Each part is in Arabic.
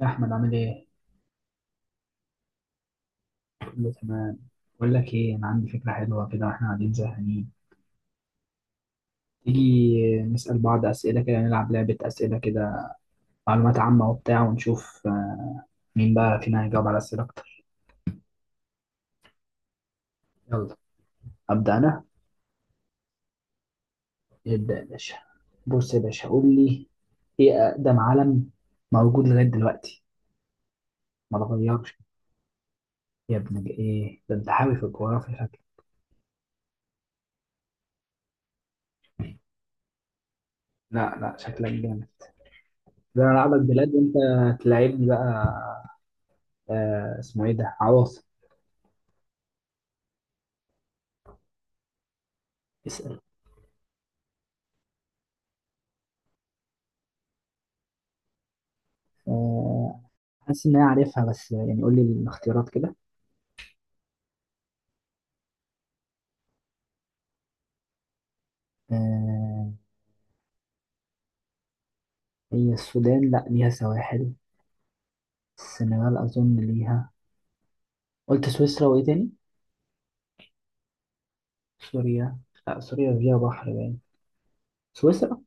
يا احمد عامل ايه؟ كله تمام. بقول لك ايه، انا عندي فكره حلوه كده واحنا قاعدين زهقانين. تيجي نسال بعض اسئله كده، نلعب لعبه اسئله كده، معلومات عامه وبتاع ونشوف مين بقى فينا هيجاوب على اسئله اكتر. يلا ابدا انا. ابدا يا باشا. بص يا باشا، قول لي ايه اقدم علم موجود لغايه دلوقتي ما اتغيرش. ايه ده، انت حاوي في الجغرافيا شكلك. لا لا، شكلك جامد. ده انا العبك بلاد وانت تلعبني بقى. آه اسمه ايه ده، عواصم. اسال. آه، حاسس ان انا عارفها، بس يعني قول لي الاختيارات كده. آه، هي السودان لا ليها سواحل، السنغال اظن ليها. قلت سويسرا وايه تاني؟ سوريا. لا سوريا فيها بحر باين. سويسرا.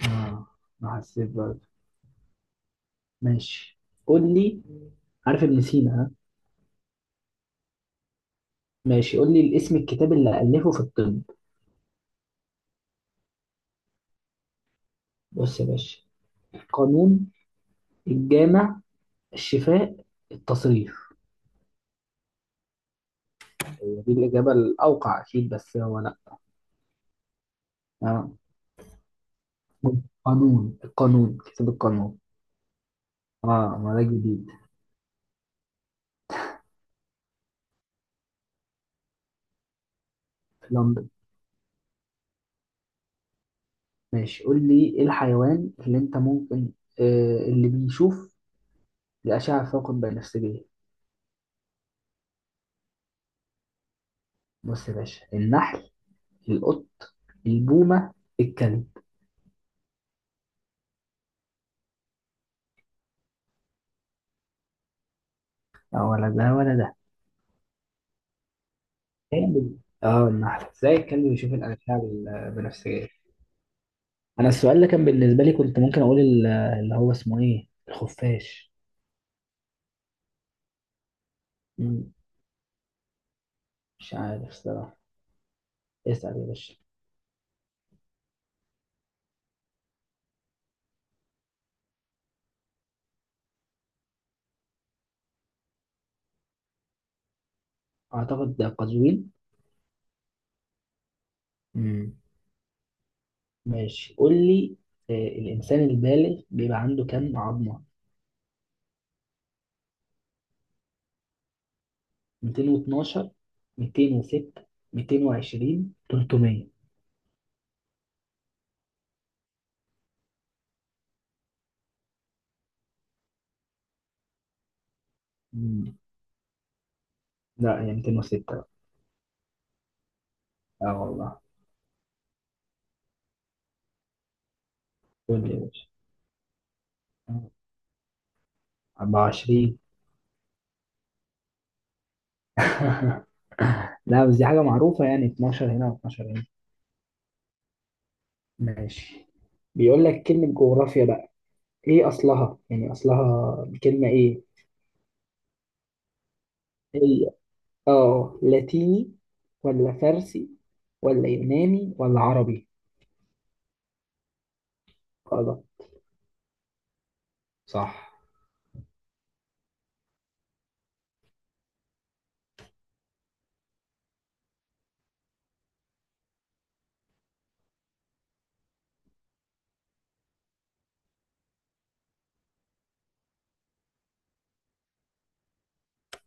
اه، ما حسيت برضه. ماشي، قول لي. عارف ابن سينا؟ ها، ماشي قول لي الاسم الكتاب اللي ألفه في الطب. بص يا باشا، القانون، الجامع، الشفاء، التصريف. هي دي الإجابة الأوقع أكيد، بس هو لأ. آه. قانون، القانون، كتاب القانون. اه، ما ده جديد. لندن. ماشي قول لي ايه الحيوان اللي انت ممكن، آه اللي بيشوف الأشعة فوق البنفسجية. بص يا باشا، النحل، القط، البومة، الكلب. اه، ولا ده ولا ده. كلب. اه النحل، ازاي الكلب بيشوف الأشعة البنفسجية؟ انا السؤال ده كان بالنسبة لي كنت ممكن اقول اللي هو اسمه ايه، الخفاش. مم. مش عارف الصراحة. اسأل يا باشا. اعتقد ده قزوين. مم. ماشي قول لي. آه، الإنسان البالغ بيبقى عنده كام عظمة؟ 212، 206، 220، 300. مم. لا هي 206 بقى. اه والله. قول لي يا باشا. آه، 24. لا بس دي حاجة معروفة، يعني 12 هنا و12 هنا. ماشي. بيقول لك كلمة جغرافيا بقى، ايه أصلها؟ يعني أصلها الكلمة ايه؟ هي اه لاتيني ولا فارسي ولا يوناني ولا عربي؟ صح.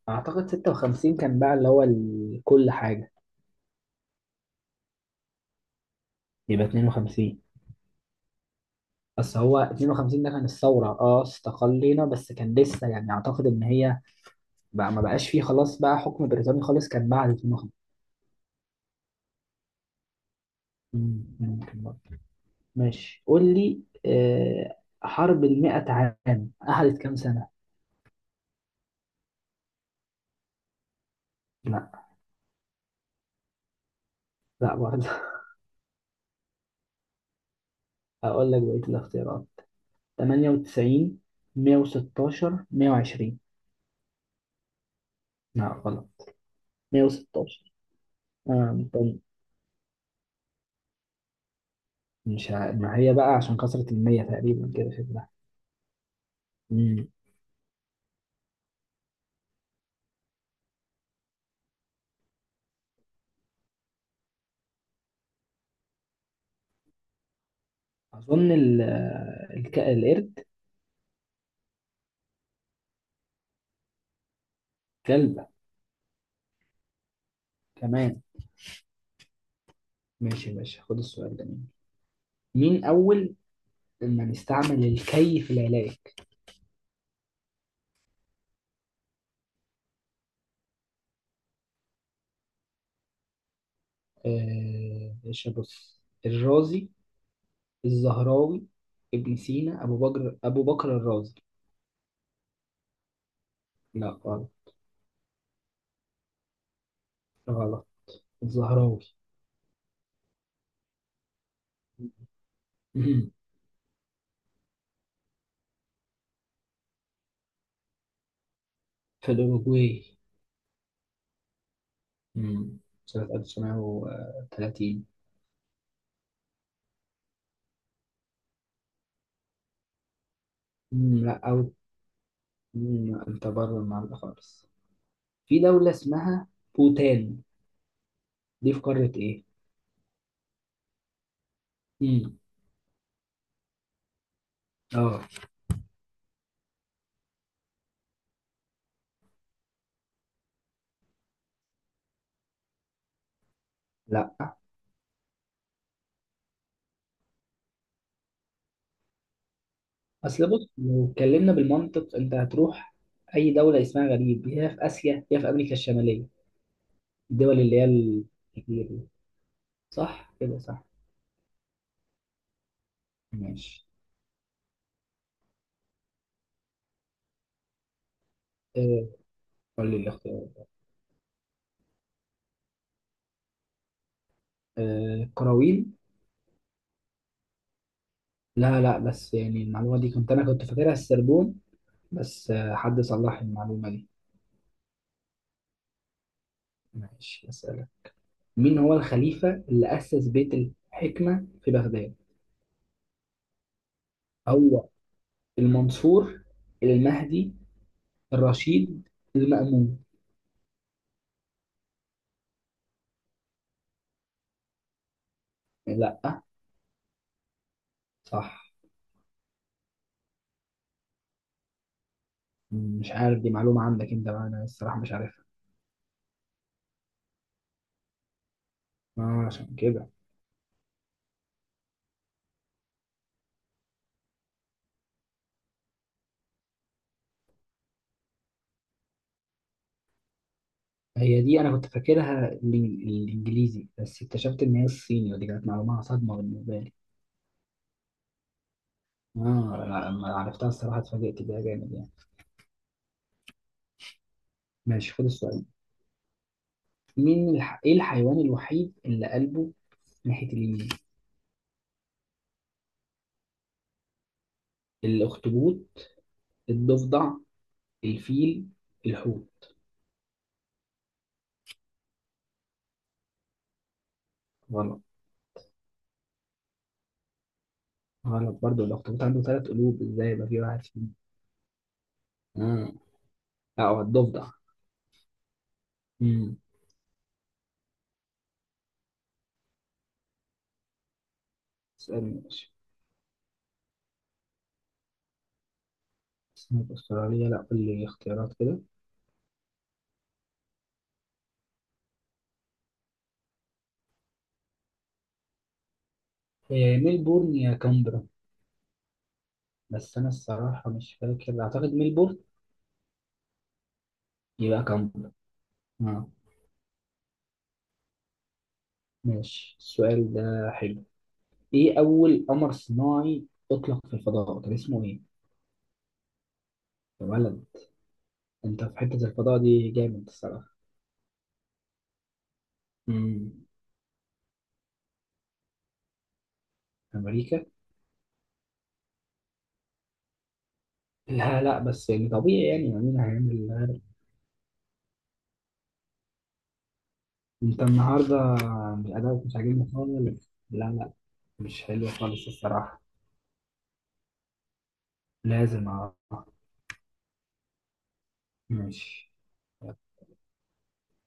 اعتقد 56 كان بقى اللي هو كل حاجه، يبقى 52. بس هو 52 ده كان الثوره، اه استقلينا بس كان لسه يعني اعتقد ان هي بقى ما بقاش فيه خلاص بقى حكم بريطاني خالص كان بعد 52. مم، ممكن برضه. ماشي قول لي، آه حرب المئة عام قعدت كام سنه؟ لا. لا برضه. هقول لك بقيه الاختيارات: 98، 116، 120. لا غلط. 116. آه طيب. مش ع... ما هي بقى عشان كثرة المية تقريبا كده شكلها. امم. أظن القرد. كلبة؟ كمان. ماشي يا باشا خد السؤال ده مني، مين أول من استعمل الكي في العلاج؟ آه... باشا بص، الرازي، الزهراوي، ابن سينا، أبو بكر، أبو بكر الرازي. لا غلط. غلط. الزهراوي. مم. في الأوروجواي. مم. سنة 1930. لا أو لا، أنت بره المعلقة خالص. في دولة اسمها بوتان، دي في قارة ايه؟ امم، اه لا، اصل بص لو اتكلمنا بالمنطق انت هتروح اي دولة اسمها غريب يا في اسيا يا في امريكا الشمالية، الدول اللي هي الكتير دي. صح كده، صح. ماشي. آه، قول لي الاختيار. آه، القراويل. لا لا بس يعني المعلومة دي كنت فاكرها السربون، بس آه، حد صلح لي المعلومة دي. ماشي اسألك، مين هو الخليفة اللي أسس بيت الحكمة في بغداد؟ هو المنصور، المهدي، الرشيد، المأمون. لا. صح. مش عارف، دي معلومة عندك انت بقى، انا الصراحة مش عارفها. آه، عشان كده. هي دي انا كنت فاكرها الانجليزي، بس اكتشفت ان هي الصيني، ودي كانت معلومة صدمة بالنسبة لي. اه لا، لما عرفتها الصراحة اتفاجئت بيها جامد يعني. ماشي خد السؤال، ايه الحيوان الوحيد اللي قلبه ناحية اليمين؟ الاخطبوط، الضفدع، الفيل، الحوت. غلط. غلط برضه، الأخطبوط عنده ثلاث قلوب، إزاي يبقى في واحد فيهم؟ مم. لا هو الضفدع. مم. اسألني، ماشي. سمك أستراليا؟ لا، قول لي اختيارات كده. إيه، ميلبورن يا كامبرا، بس أنا الصراحة مش فاكر، أعتقد ميلبورن. يبقى كامبرا. آه. ماشي، السؤال ده حلو. إيه أول قمر صناعي أطلق في الفضاء كان اسمه إيه؟ يا ولد، أنت في حتة الفضاء دي جامد الصراحة. مم. أمريكا؟ لا لا بس يعني طبيعي، يعني مين هيعمل. انت النهارده، مش ادائك مش عاجبني خالص، لا لا، مش حلو خالص الصراحه. لازم اعرف. ماشي.